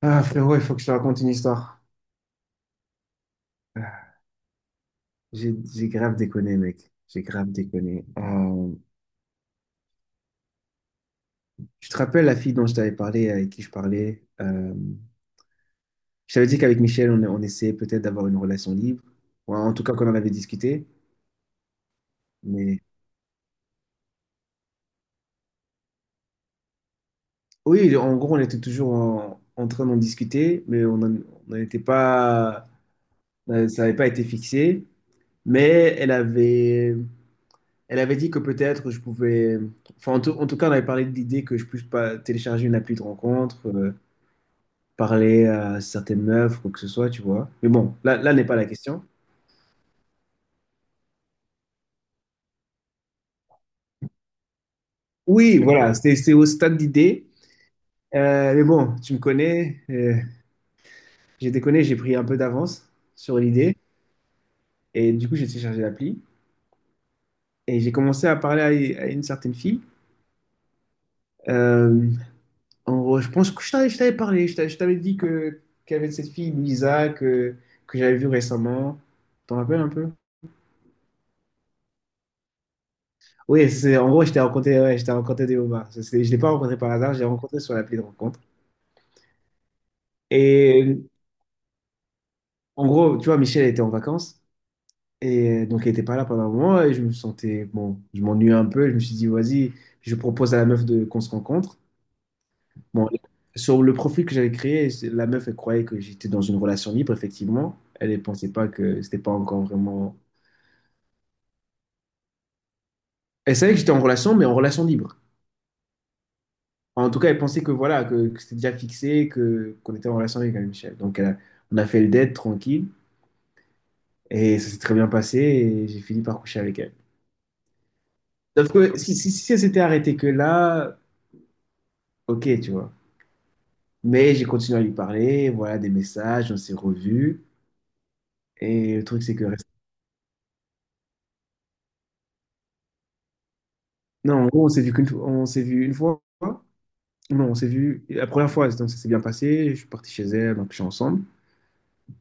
Ah frérot, il faut que je te raconte une histoire. Euh, j'ai grave déconné, mec. J'ai grave déconné. Tu te rappelles la fille dont je t'avais parlé, avec qui je parlais? Je t'avais dit qu'avec Michel, on essayait peut-être d'avoir une relation libre. Ou en tout cas, qu'on en avait discuté. Mais oui, en gros, on était toujours en train d'en discuter, mais on n'en était pas, ça n'avait pas été fixé. Mais elle avait, Elle avait dit que peut-être je pouvais. Enfin, en tout cas, on avait parlé de l'idée que je puisse pas télécharger une appli de rencontre, parler à certaines meufs, quoi que ce soit, tu vois. Mais bon, là n'est pas la question. Oui, voilà, c'est au stade d'idée. Mais bon, tu me connais, j'ai déconné, j'ai pris un peu d'avance sur l'idée. Et du coup, j'ai téléchargé l'appli. Et j'ai commencé à parler à une certaine fille. Euh, En gros, je pense que je t'avais parlé, je t'avais dit que qu'il y avait cette fille, Louisa, que j'avais vue récemment. T'en rappelles un peu? Oui, c'est, en gros, je t'ai rencontré, ouais, je t'ai rencontré des homards. Je ne l'ai pas rencontré par hasard, je l'ai rencontré sur l'appli de rencontre. Et en gros, tu vois, Michel était en vacances, et donc il n'était pas là pendant un moment, et je me sentais, bon, je m'ennuyais un peu, je me suis dit, vas-y, je propose à la meuf de, qu'on se rencontre. Bon, sur le profil que j'avais créé, la meuf, elle croyait que j'étais dans une relation libre, effectivement. Elle ne pensait pas que c'était pas encore vraiment Elle savait que j'étais en relation, mais en relation libre. Enfin, en tout cas, elle pensait que voilà, que c'était déjà fixé, que qu'on était en relation avec Michel. Donc, on a fait le date tranquille et ça s'est très bien passé et j'ai fini par coucher avec elle. Sauf que si elle s'était arrêtée que là, ok, tu vois. Mais j'ai continué à lui parler, voilà, des messages, on s'est revus. Et le truc, c'est que. Non, en gros, on s'est vu qu'une fois. On s'est vu une fois. Non, on s'est vu la première fois, donc ça s'est bien passé. Je suis parti chez elle, donc je suis ensemble.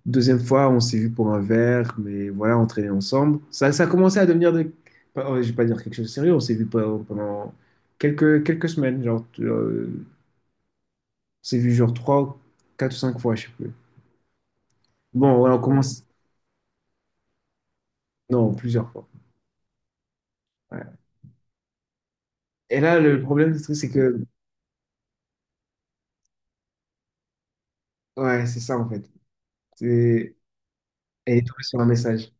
Deuxième fois, on s'est vu pour un verre, mais voilà, on traînait ensemble. Ça a commencé à devenir de. Oh, je vais pas dire quelque chose de sérieux, on s'est vu pendant quelques semaines, genre, on s'est vu genre trois, quatre ou cinq fois, je sais plus. Bon, voilà, on commence, non, plusieurs fois. Ouais. Et là, le problème, c'est que, ouais, c'est ça, en fait. C'est- Elle est tombée sur un message.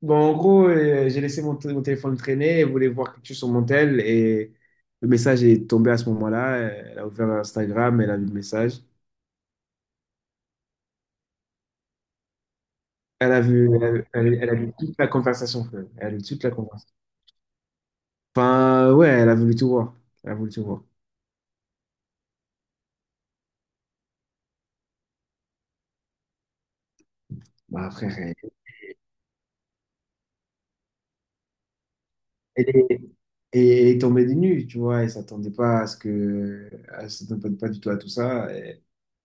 Bon, en gros, j'ai laissé mon téléphone traîner, elle voulait voir quelque chose sur mon tel, et le message est tombé à ce moment-là. Elle a ouvert Instagram, elle a vu le message. Elle a vu toute la conversation, frère. Elle a vu toute la conversation. Enfin, ouais, elle a voulu tout voir. Elle a voulu tout voir. Bah, frère, elle est, elle est tombée des nues, tu vois. Elle s'attendait pas à ce que. Elle s'attendait pas du tout à tout ça. Et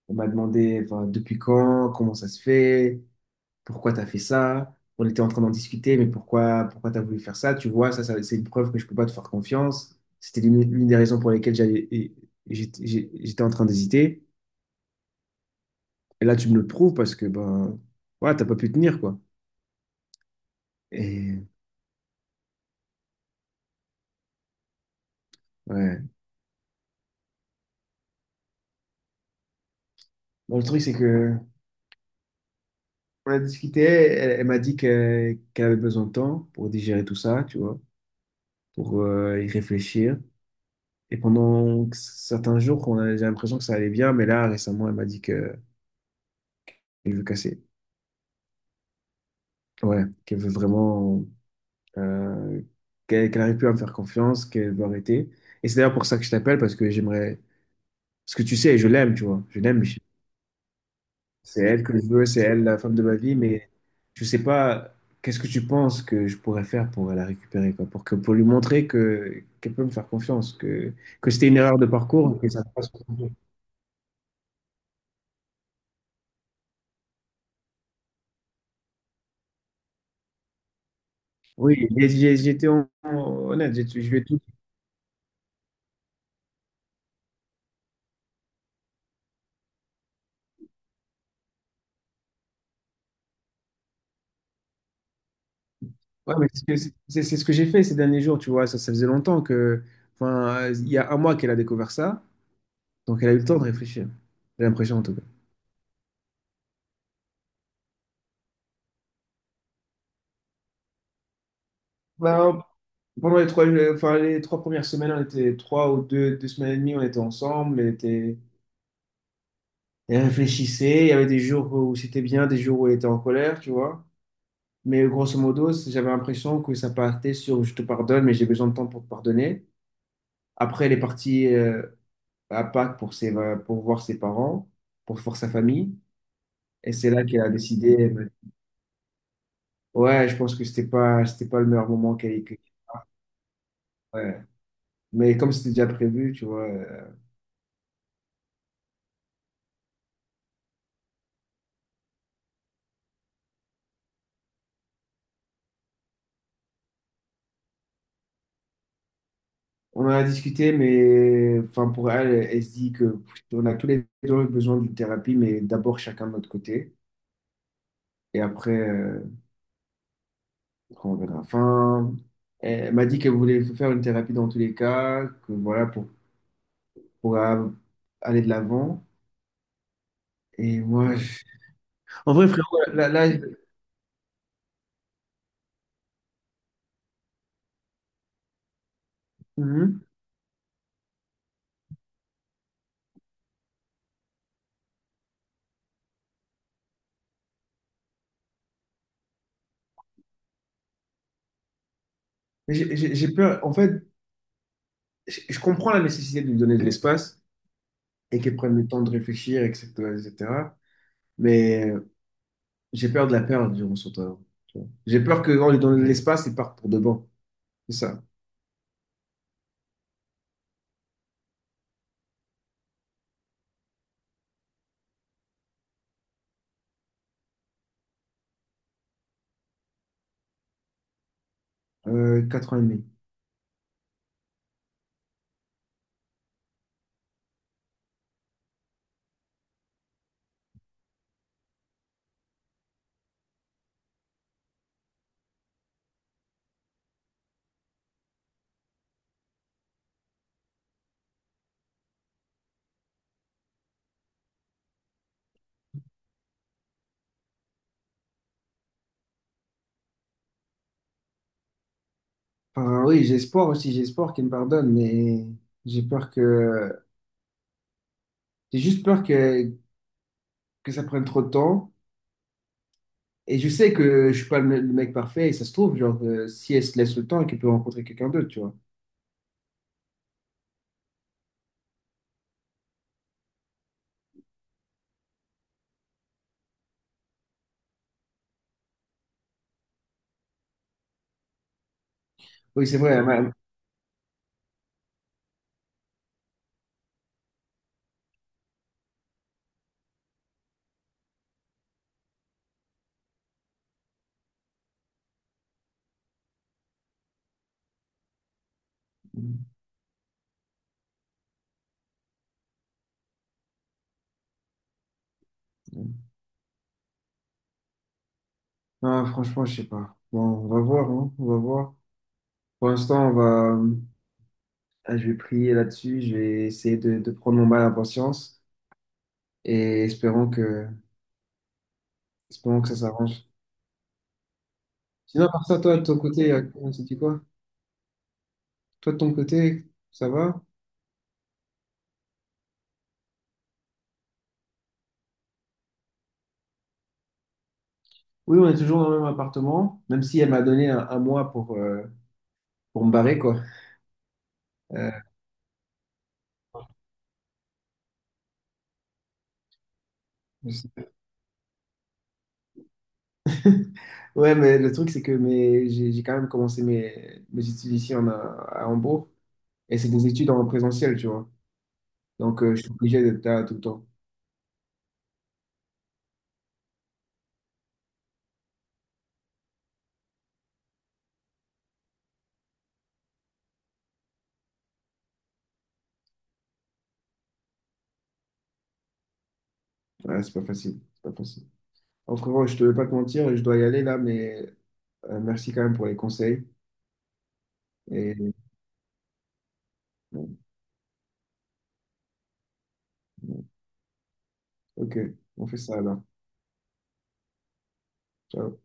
on m'a demandé, enfin, depuis quand, comment ça se fait, pourquoi t'as fait ça. On était en train d'en discuter, mais pourquoi t'as voulu faire ça, tu vois. Ça, c'est une preuve que je peux pas te faire confiance. C'était l'une des raisons pour lesquelles j'étais j'étais en train d'hésiter. Et là, tu me le prouves parce que, ben, ouais, t'as pas pu tenir, quoi. Et, ouais. Bon, le truc, c'est que, on a discuté, elle m'a dit qu'elle avait besoin de temps pour digérer tout ça, tu vois, pour y réfléchir. Et pendant certains jours, on a j'ai l'impression que ça allait bien, mais là, récemment, elle m'a dit que qu'elle veut casser. Ouais, qu'elle veut vraiment, euh, qu'elle arrive plus à me faire confiance, qu'elle veut arrêter. Et c'est d'ailleurs pour ça que je t'appelle, parce que j'aimerais, parce que tu sais, je l'aime, tu vois, je l'aime. C'est elle que je veux, c'est elle la femme de ma vie, mais je sais pas, qu'est-ce que tu penses que je pourrais faire pour la récupérer, quoi, pour que, pour lui montrer que qu'elle peut me faire confiance, que c'était une erreur de parcours, que ça passe. Oui, honnête, je lui ai tout. Ouais, mais c'est ce que j'ai fait ces derniers jours, tu vois, ça faisait longtemps que, enfin, il y a un mois qu'elle a découvert ça, donc elle a eu le temps de réfléchir. J'ai l'impression en tout cas. Ben, pendant les trois premières semaines, on était trois ou deux semaines et demie, on était ensemble, Elle réfléchissait. Il y avait des jours où c'était bien, des jours où elle était en colère, tu vois. Mais grosso modo, j'avais l'impression que ça partait sur je te pardonne, mais j'ai besoin de temps pour te pardonner. Après, elle est partie à Pâques pour voir ses parents, pour voir sa famille. Et c'est là qu'elle a décidé. Elle m'a Ouais, je pense que c'était pas le meilleur moment ouais. Mais comme c'était déjà prévu, tu vois, on en a discuté, mais enfin, pour elle, elle se dit que on a tous les deux besoin d'une thérapie, mais d'abord chacun de notre côté. Et après, on verra. Enfin, elle m'a dit qu'elle voulait faire une thérapie dans tous les cas, que voilà, pour aller de l'avant. Et moi, Ouais. En vrai, frérot, là, là, là, Mhm. J'ai peur. En fait, je comprends la nécessité de lui donner de l'espace et qu'elle prenne le temps de réfléchir, etc., etc. Mais j'ai peur de la perdre durant son temps. Tu vois. J'ai peur qu'en lui donnant de l'espace, il parte pour de bon. C'est ça. 4 ans et demi. Enfin, oui, j'ai espoir aussi, j'ai espoir qu'il me pardonne, mais j'ai peur que. J'ai juste peur que ça prenne trop de temps. Et je sais que je suis pas le mec parfait, et ça se trouve, genre, si elle se laisse le temps, qu'elle peut rencontrer quelqu'un d'autre, tu vois. Oui, c'est vrai. Non, franchement, je sais pas. Bon, on va voir, hein, on va voir. Pour l'instant, on va. Ah, je vais prier là-dessus, je vais essayer de prendre mon mal en patience et espérons que ça s'arrange. Sinon, par ça, toi, de ton côté, on s'est dit quoi? Toi, de ton côté, ça va? Oui, on est toujours dans le même appartement, même si elle m'a donné un mois pour me barrer, quoi. Euh, je ouais, mais le truc, c'est que j'ai quand même commencé mes études ici à Hambourg et c'est des études en présentiel, tu vois. Donc, je suis obligé d'être là tout le temps. Ouais, c'est pas facile. C'est pas facile. En frérot, je te veux pas te mentir, je dois y aller là, mais merci quand même pour les conseils. Et bon, bon, ok, on fait ça alors. Ciao.